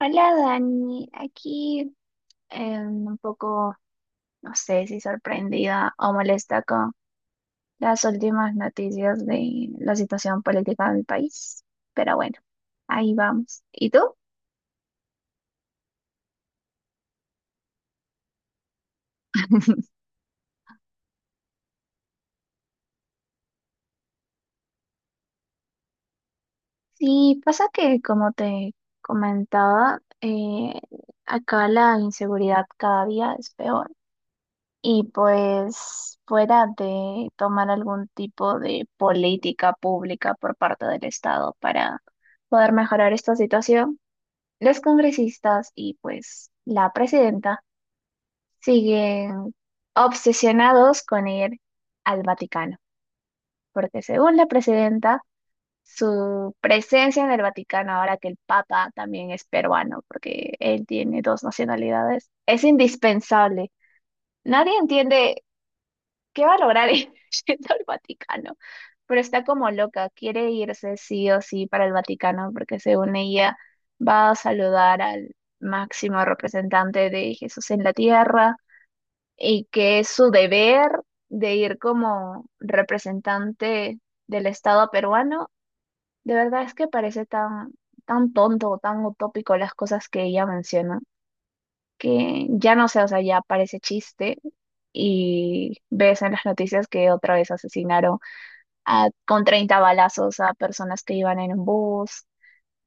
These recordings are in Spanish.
Hola Dani, aquí, un poco, no sé si sorprendida o molesta con las últimas noticias de la situación política de mi país, pero bueno, ahí vamos. ¿Y tú? Sí, pasa que como te comentaba, acá la inseguridad cada día es peor y pues fuera de tomar algún tipo de política pública por parte del Estado para poder mejorar esta situación. Los congresistas y pues la presidenta siguen obsesionados con ir al Vaticano, porque según la presidenta, su presencia en el Vaticano, ahora que el Papa también es peruano, porque él tiene dos nacionalidades, es indispensable. Nadie entiende qué va a lograr yendo al Vaticano. Pero está como loca, quiere irse sí o sí para el Vaticano porque según ella va a saludar al máximo representante de Jesús en la tierra y que es su deber de ir como representante del Estado peruano. De verdad es que parece tan, tan tonto, tan utópico las cosas que ella menciona, que ya no sé, o sea, ya parece chiste. Y ves en las noticias que otra vez asesinaron con 30 balazos a personas que iban en un bus,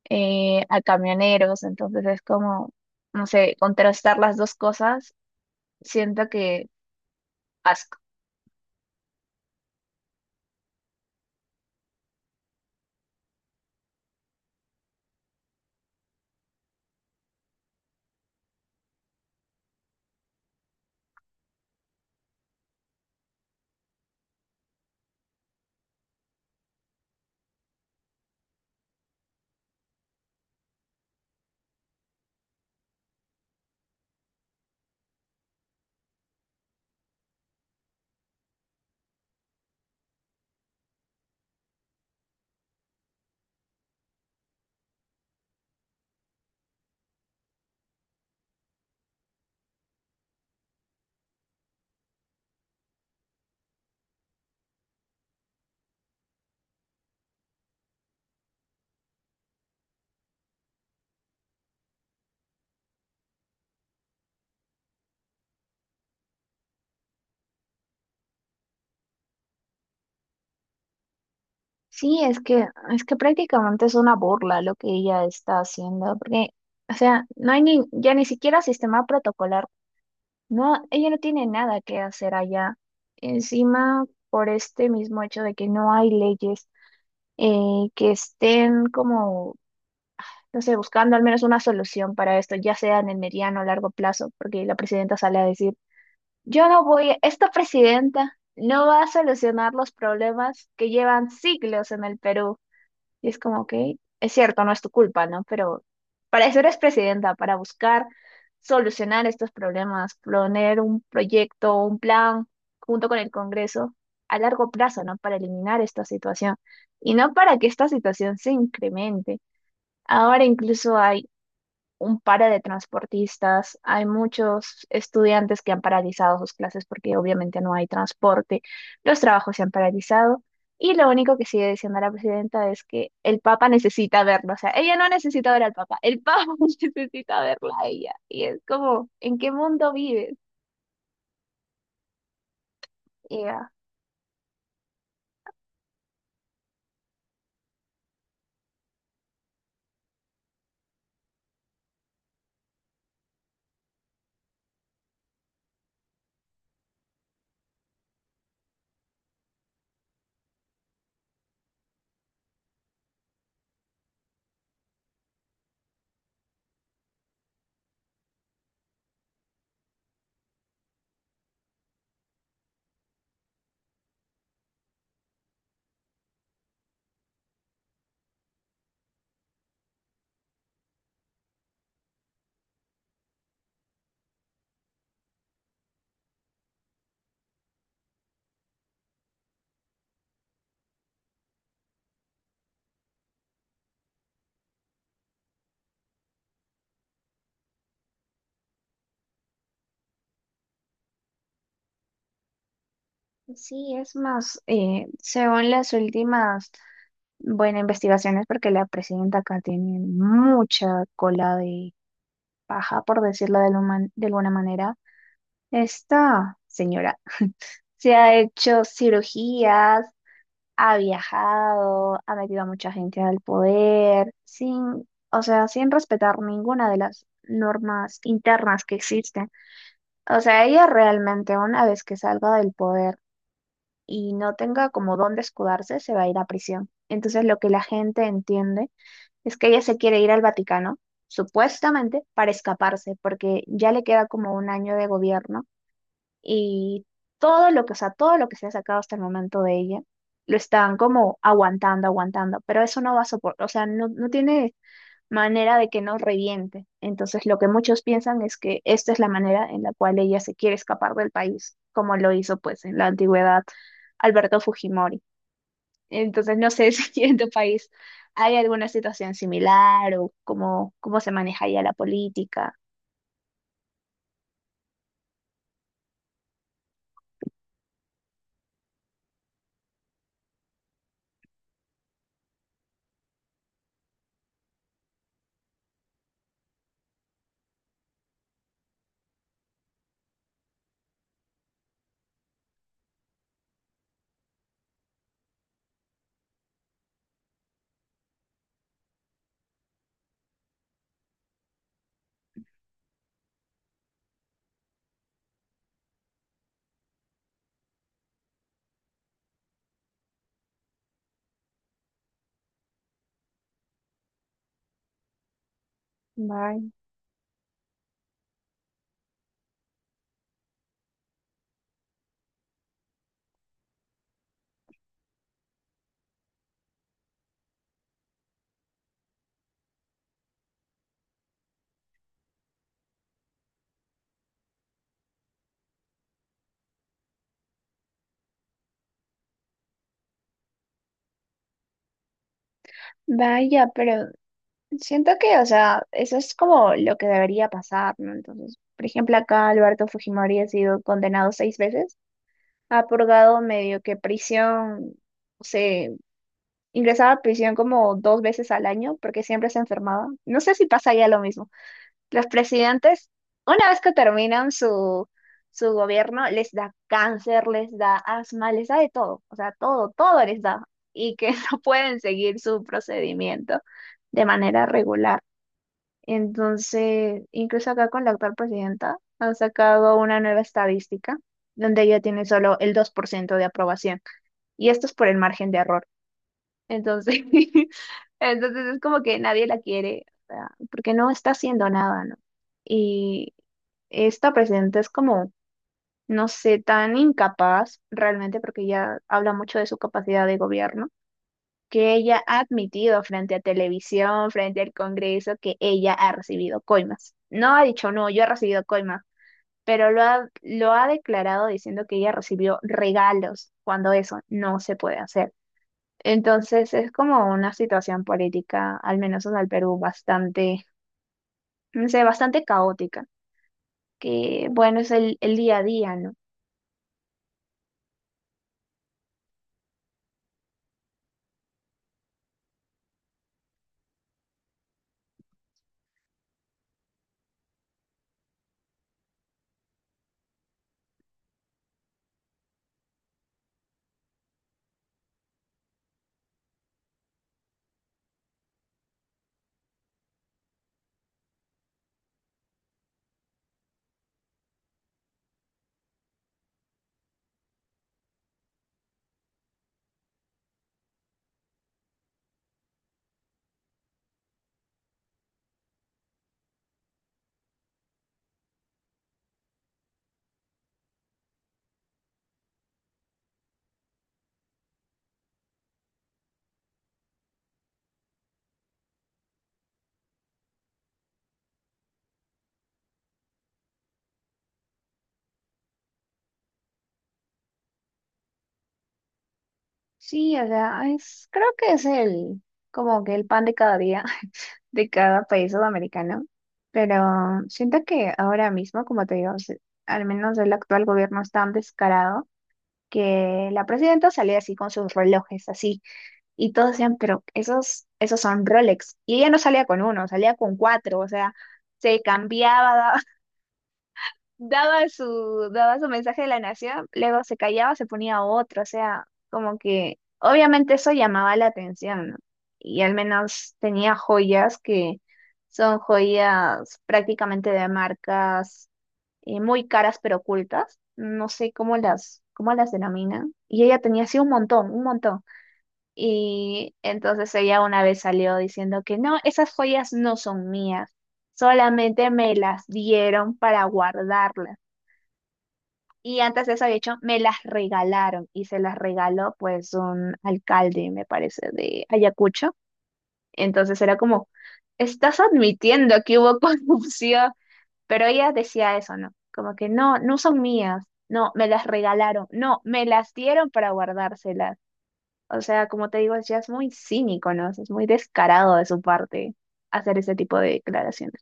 a camioneros, entonces es como, no sé, contrastar las dos cosas, siento que asco. Sí, es que prácticamente es una burla lo que ella está haciendo, porque, o sea, no hay ni, ya ni siquiera sistema protocolar, no, ella no tiene nada que hacer allá. Encima, por este mismo hecho de que no hay leyes que estén como. Entonces, buscando al menos una solución para esto, ya sea en el mediano o largo plazo, porque la presidenta sale a decir, yo no voy, esta presidenta no va a solucionar los problemas que llevan siglos en el Perú. Y es como que, es cierto, no es tu culpa, ¿no? Pero para eso eres presidenta, para buscar solucionar estos problemas, poner un proyecto, un plan junto con el Congreso a largo plazo, ¿no? Para eliminar esta situación y no para que esta situación se incremente. Ahora incluso hay un paro de transportistas, hay muchos estudiantes que han paralizado sus clases porque obviamente no hay transporte, los trabajos se han paralizado y lo único que sigue diciendo la presidenta es que el Papa necesita verlo, o sea, ella no necesita ver al Papa, el Papa necesita verla a ella y es como, ¿en qué mundo vives? ¿Ella? Sí, es más, según las últimas, bueno, investigaciones, porque la presidenta acá tiene mucha cola de paja, por decirlo de alguna manera. Esta señora se ha hecho cirugías, ha viajado, ha metido a mucha gente al poder, sin, o sea, sin respetar ninguna de las normas internas que existen. O sea, ella realmente una vez que salga del poder y no tenga como dónde escudarse, se va a ir a prisión. Entonces, lo que la gente entiende es que ella se quiere ir al Vaticano, supuestamente, para escaparse, porque ya le queda como un año de gobierno y todo lo que, o sea, todo lo que se ha sacado hasta el momento de ella, lo están como aguantando, aguantando, pero eso no va a soportar, o sea, no, no tiene manera de que no reviente. Entonces, lo que muchos piensan es que esta es la manera en la cual ella se quiere escapar del país, como lo hizo pues en la antigüedad Alberto Fujimori. Entonces, no sé si en tu país hay alguna situación similar o cómo se maneja ya la política. Vaya, vaya, pero siento que, o sea, eso es como lo que debería pasar, ¿no? Entonces, por ejemplo, acá Alberto Fujimori ha sido condenado 6 veces, ha purgado medio que prisión, o sea, ingresaba a prisión como 2 veces al año porque siempre se enfermaba. No sé si pasa ya lo mismo. Los presidentes, una vez que terminan su gobierno, les da cáncer, les da asma, les da de todo, o sea, todo, todo les da y que no pueden seguir su procedimiento de manera regular. Entonces, incluso acá con la actual presidenta han sacado una nueva estadística donde ella tiene solo el 2% de aprobación. Y esto es por el margen de error. Entonces, entonces es como que nadie la quiere, o sea, porque no está haciendo nada, ¿no? Y esta presidenta es como, no sé, tan incapaz realmente porque ella habla mucho de su capacidad de gobierno que ella ha admitido frente a televisión, frente al Congreso, que ella ha recibido coimas. No ha dicho, no, yo he recibido coimas, pero lo ha declarado diciendo que ella recibió regalos cuando eso no se puede hacer. Entonces es como una situación política, al menos en el Perú, bastante, no sé, bastante caótica, que bueno, es el día a día, ¿no? Sí, o sea, es, creo que es como que el pan de cada día. De cada país sudamericano, pero siento que ahora mismo, como te digo, al menos el actual gobierno es tan descarado que la presidenta salía así con sus relojes, así, y todos decían, pero esos son Rolex, y ella no salía con uno, salía con cuatro, o sea, se cambiaba, daba su mensaje de la nación, luego se callaba, se ponía otro, o sea, como que obviamente eso llamaba la atención, ¿no? Y al menos tenía joyas que son joyas prácticamente de marcas muy caras pero ocultas, no sé cómo las denominan, y ella tenía así un montón, un montón. Y entonces ella una vez salió diciendo que no, esas joyas no son mías, solamente me las dieron para guardarlas. Y antes de eso, de hecho, me las regalaron y se las regaló pues un alcalde, me parece, de Ayacucho. Entonces era como, estás admitiendo que hubo corrupción, pero ella decía eso, ¿no? Como que no, no son mías, no, me las regalaron, no, me las dieron para guardárselas. O sea, como te digo, ya es muy cínico, ¿no? Es muy descarado de su parte hacer ese tipo de declaraciones.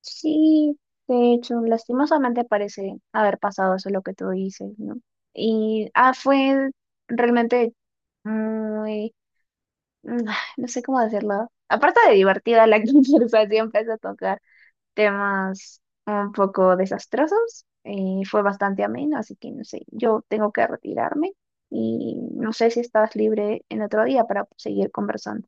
Sí, de hecho, lastimosamente parece haber pasado eso lo que tú dices, ¿no? Y fue realmente muy, mm, no sé cómo decirlo. Aparte de divertida, la conversación empezó a tocar temas un poco desastrosos y fue bastante ameno, así que no sé, yo tengo que retirarme y no sé si estás libre en otro día para seguir conversando.